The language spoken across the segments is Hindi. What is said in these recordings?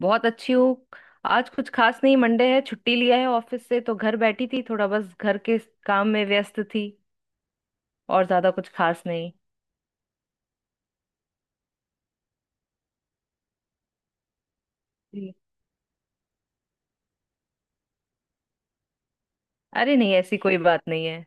बहुत अच्छी हूँ। आज कुछ खास नहीं, मंडे है, छुट्टी लिया है ऑफिस से, तो घर बैठी थी, थोड़ा बस घर के काम में व्यस्त थी। और ज्यादा कुछ खास नहीं। जी। अरे नहीं, ऐसी कोई बात नहीं है।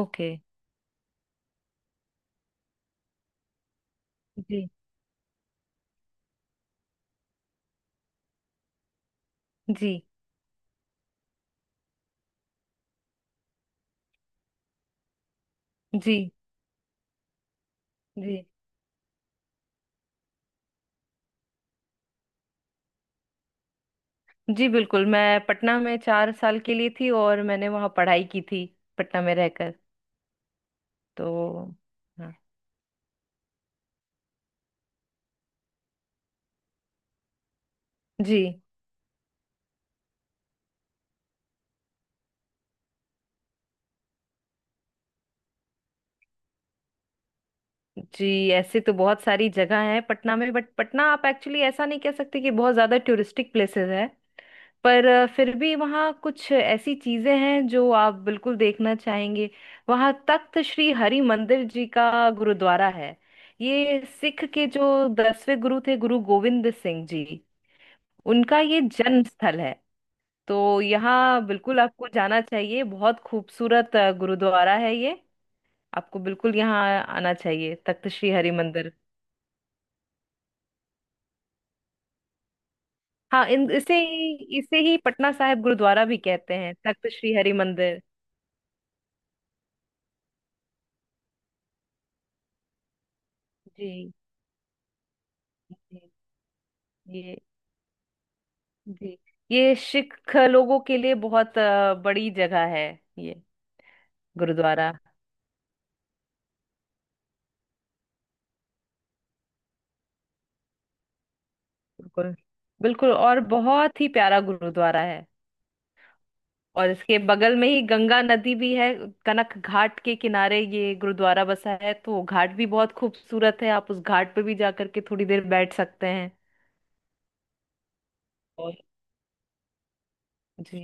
ओके। जी। जी। जी। जी। जी बिल्कुल, मैं पटना में 4 साल के लिए थी और मैंने वहाँ पढ़ाई की थी, पटना में रहकर। तो हाँ। जी। जी, ऐसे तो बहुत सारी जगह है पटना में, बट पटना आप एक्चुअली ऐसा नहीं कह सकते कि बहुत ज्यादा टूरिस्टिक प्लेसेस है। पर फिर भी वहाँ कुछ ऐसी चीजें हैं जो आप बिल्कुल देखना चाहेंगे। वहाँ तख्त श्री हरि मंदिर जी का गुरुद्वारा है। ये सिख के जो दसवें गुरु थे, गुरु गोविंद सिंह जी, उनका ये जन्म स्थल है। तो यहाँ बिल्कुल आपको जाना चाहिए, बहुत खूबसूरत गुरुद्वारा है ये। आपको बिल्कुल यहाँ आना चाहिए, तख्त श्री हरि मंदिर। हाँ, इन इसे ही पटना साहिब गुरुद्वारा भी कहते हैं, तख्त श्री हरि मंदिर। जी। जी, ये। जी। ये सिख लोगों के लिए बहुत बड़ी जगह है, ये गुरुद्वारा। बिल्कुल बिल्कुल, और बहुत ही प्यारा गुरुद्वारा है। और इसके बगल में ही गंगा नदी भी है। कनक घाट के किनारे ये गुरुद्वारा बसा है, तो घाट भी बहुत खूबसूरत है, आप उस घाट पे भी जा करके थोड़ी देर बैठ सकते हैं। और जी।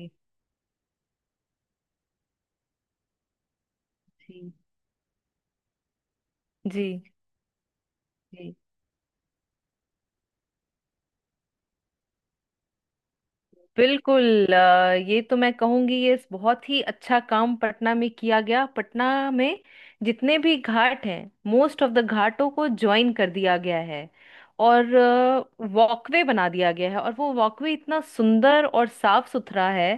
जी। जी। जी बिल्कुल। ये तो मैं कहूंगी, ये बहुत ही अच्छा काम पटना में किया गया। पटना में जितने भी घाट हैं, मोस्ट ऑफ द घाटों को ज्वाइन कर दिया गया है। और वॉकवे बना दिया गया है, और वो वॉकवे इतना सुंदर और साफ सुथरा है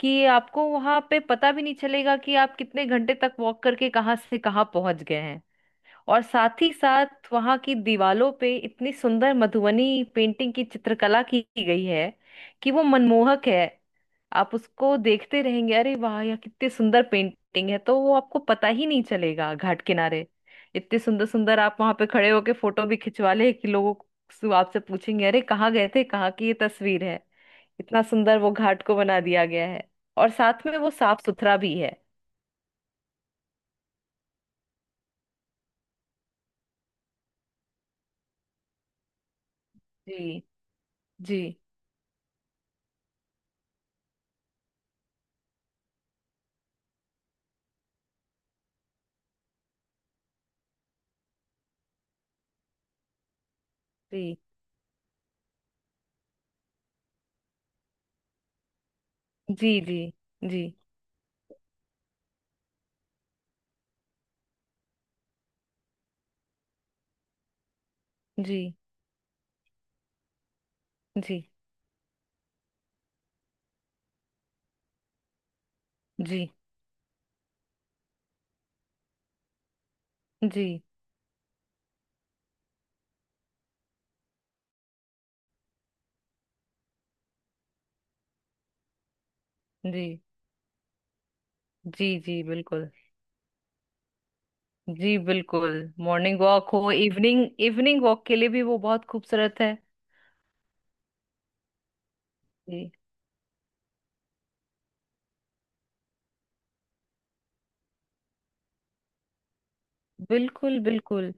कि आपको वहां पे पता भी नहीं चलेगा कि आप कितने घंटे तक वॉक करके कहाँ से कहाँ पहुंच गए हैं। और साथ ही साथ वहां की दीवालों पे इतनी सुंदर मधुबनी पेंटिंग की, चित्रकला की गई है, कि वो मनमोहक है। आप उसको देखते रहेंगे, अरे वाह यह कितनी सुंदर पेंटिंग है, तो वो आपको पता ही नहीं चलेगा। घाट किनारे इतने सुंदर सुंदर, आप वहां पे खड़े होके फोटो भी खिंचवा ले कि लोगों को आपसे पूछेंगे अरे कहाँ गए थे, कहाँ की ये तस्वीर है। इतना सुंदर वो घाट को बना दिया गया है, और साथ में वो साफ सुथरा भी है। जी। जी। जी। जी। जी। जी। जी। जी। जी। जी। जी। जी। जी बिल्कुल। जी बिल्कुल। मॉर्निंग वॉक हो, इवनिंग इवनिंग वॉक के लिए भी वो बहुत खूबसूरत है। जी बिल्कुल बिल्कुल।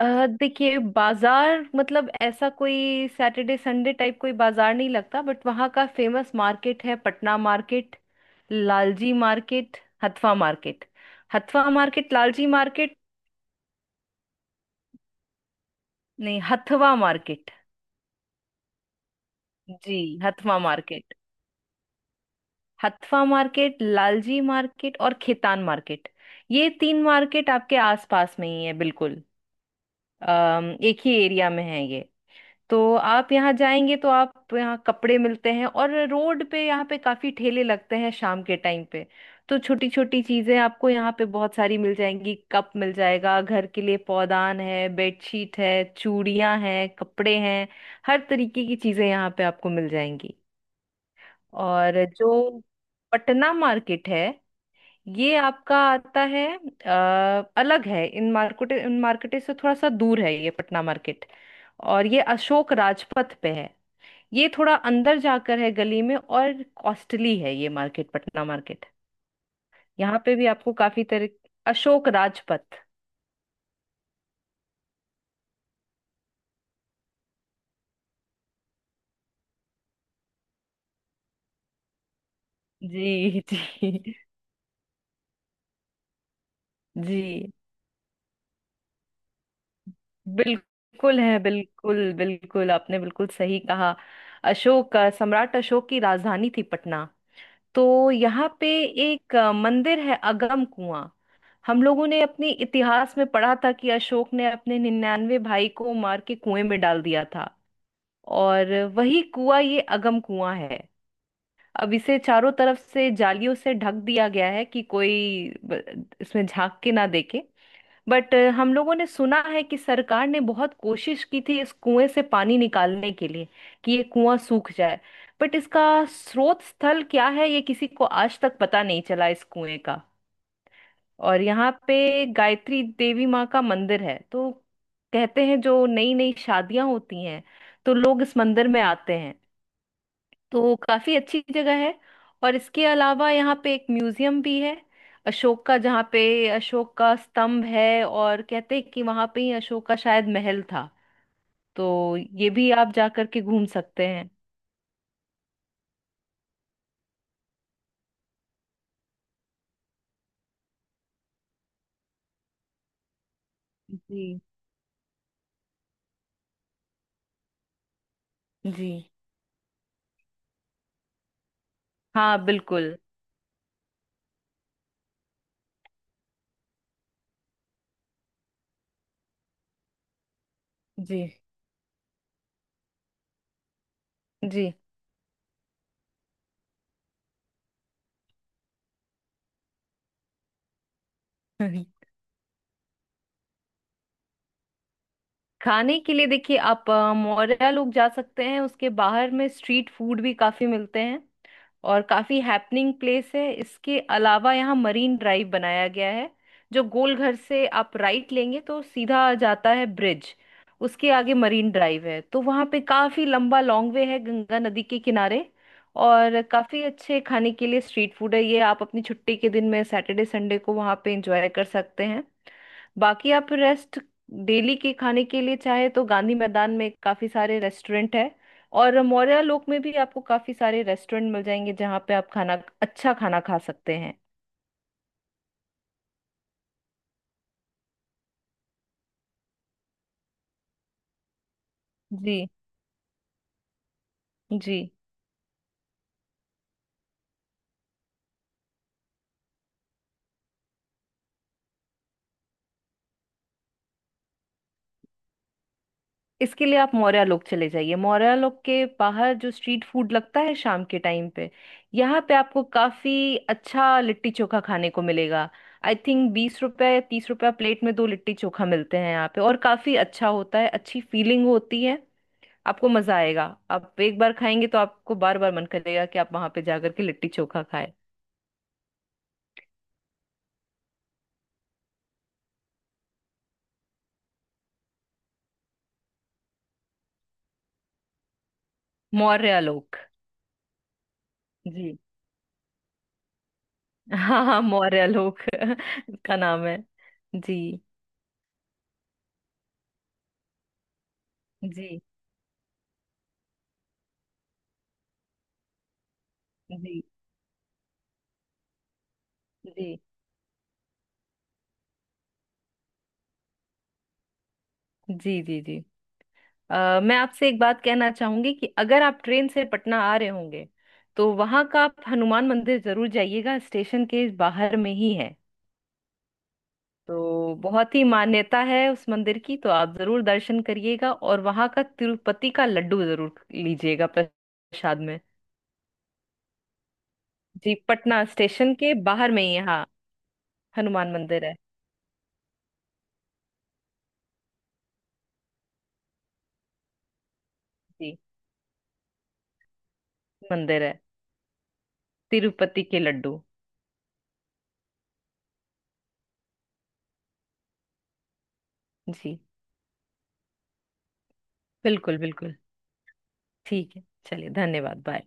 देखिए, बाजार मतलब ऐसा कोई सैटरडे संडे टाइप कोई बाजार नहीं लगता, बट वहाँ का फेमस मार्केट है, Patna market, Lalji market, Hathwa market. Hathwa market, Lalji market. नहीं, Hathwa market. Ji, Hathwa market, Hathwa market, Lalji market और खेतान मार्केट। ये तीन मार्केट आपके आसपास में ही है, बिल्कुल एक ही एरिया में है ये। तो आप यहाँ जाएंगे तो आप यहाँ कपड़े मिलते हैं, और रोड पे यहाँ पे काफी ठेले लगते हैं शाम के टाइम पे। तो छोटी छोटी चीजें आपको यहाँ पे बहुत सारी मिल जाएंगी, कप मिल जाएगा घर के लिए, पौधान है, बेडशीट है, चूड़ियां हैं, कपड़े हैं, हर तरीके की चीजें यहाँ पे आपको मिल जाएंगी। और जो पटना मार्केट है, ये आपका आता है अलग है। इन मार्केट से थोड़ा सा दूर है ये पटना मार्केट। और ये अशोक राजपथ पे है, ये थोड़ा अंदर जाकर है गली में, और कॉस्टली है ये मार्केट, पटना मार्केट। यहाँ पे भी आपको काफी तरह। अशोक राजपथ। जी जी। जी बिल्कुल है, बिल्कुल बिल्कुल, आपने बिल्कुल सही कहा। अशोक, सम्राट अशोक की राजधानी थी पटना। तो यहाँ पे एक मंदिर है, अगम कुआं। हम लोगों ने अपने इतिहास में पढ़ा था कि अशोक ने अपने 99 भाई को मार के कुएं में डाल दिया था, और वही कुआं ये अगम कुआं है। अब इसे चारों तरफ से जालियों से ढक दिया गया है कि कोई इसमें झांक के ना देखे। बट हम लोगों ने सुना है कि सरकार ने बहुत कोशिश की थी इस कुएं से पानी निकालने के लिए, कि ये कुआं सूख जाए। बट इसका स्रोत स्थल क्या है ये किसी को आज तक पता नहीं चला इस कुएं। और यहाँ पे गायत्री देवी माँ का मंदिर है, तो कहते हैं जो नई नई शादियां होती हैं, तो लोग इस मंदिर में आते हैं। तो काफी अच्छी जगह है। और इसके अलावा यहाँ पे एक म्यूजियम भी है, अशोक का, जहाँ पे अशोक का स्तंभ है, और कहते हैं कि वहां पे ही अशोक का शायद महल था। तो ये भी आप जा करके घूम सकते हैं। जी। जी हाँ बिल्कुल। जी। जी खाने के लिए देखिए, आप मौर्या लोग जा सकते हैं, उसके बाहर में स्ट्रीट फूड भी काफी मिलते हैं, और काफी हैपनिंग प्लेस है। इसके अलावा यहाँ मरीन ड्राइव बनाया गया है, जो गोल घर से आप राइट लेंगे तो सीधा जाता है ब्रिज, उसके आगे मरीन ड्राइव है, तो वहाँ पे काफी लंबा लॉन्ग वे है गंगा नदी के किनारे, और काफी अच्छे खाने के लिए स्ट्रीट फूड है। ये आप अपनी छुट्टी के दिन में सैटरडे संडे को वहाँ पे एंजॉय कर सकते हैं। बाकी आप रेस्ट, डेली के खाने के लिए चाहे तो गांधी मैदान में काफी सारे रेस्टोरेंट है, और मौर्या लोक में भी आपको काफी सारे रेस्टोरेंट मिल जाएंगे जहाँ पे आप खाना, अच्छा खाना खा सकते हैं। जी। जी, इसके लिए आप मौर्या लोक चले जाइए। मौर्या लोक के बाहर जो स्ट्रीट फूड लगता है शाम के टाइम पे, यहाँ पे आपको काफी अच्छा लिट्टी चोखा खाने को मिलेगा। आई थिंक 20 रुपया या 30 रुपया प्लेट में दो लिट्टी चोखा मिलते हैं यहाँ पे, और काफी अच्छा होता है, अच्छी फीलिंग होती है। आपको मजा आएगा। आप एक बार खाएंगे तो आपको बार बार मन करेगा कि आप वहां पे जाकर के लिट्टी चोखा खाएं। मौर्य लोक। जी हाँ हाँ, मौर्य लोक इसका नाम है। जी। जी। जी। जी। जी। जी। जी मैं आपसे एक बात कहना चाहूंगी कि अगर आप ट्रेन से पटना आ रहे होंगे, तो वहां का आप हनुमान मंदिर जरूर जाइएगा, स्टेशन के बाहर में ही है। तो बहुत ही मान्यता है उस मंदिर की, तो आप जरूर दर्शन करिएगा, और वहां का तिरुपति का लड्डू जरूर लीजिएगा प्रसाद में। जी पटना स्टेशन के बाहर में ही है, हाँ। हनुमान मंदिर है। जी मंदिर है। तिरुपति के लड्डू। जी बिल्कुल बिल्कुल। ठीक है। चलिए धन्यवाद, बाय।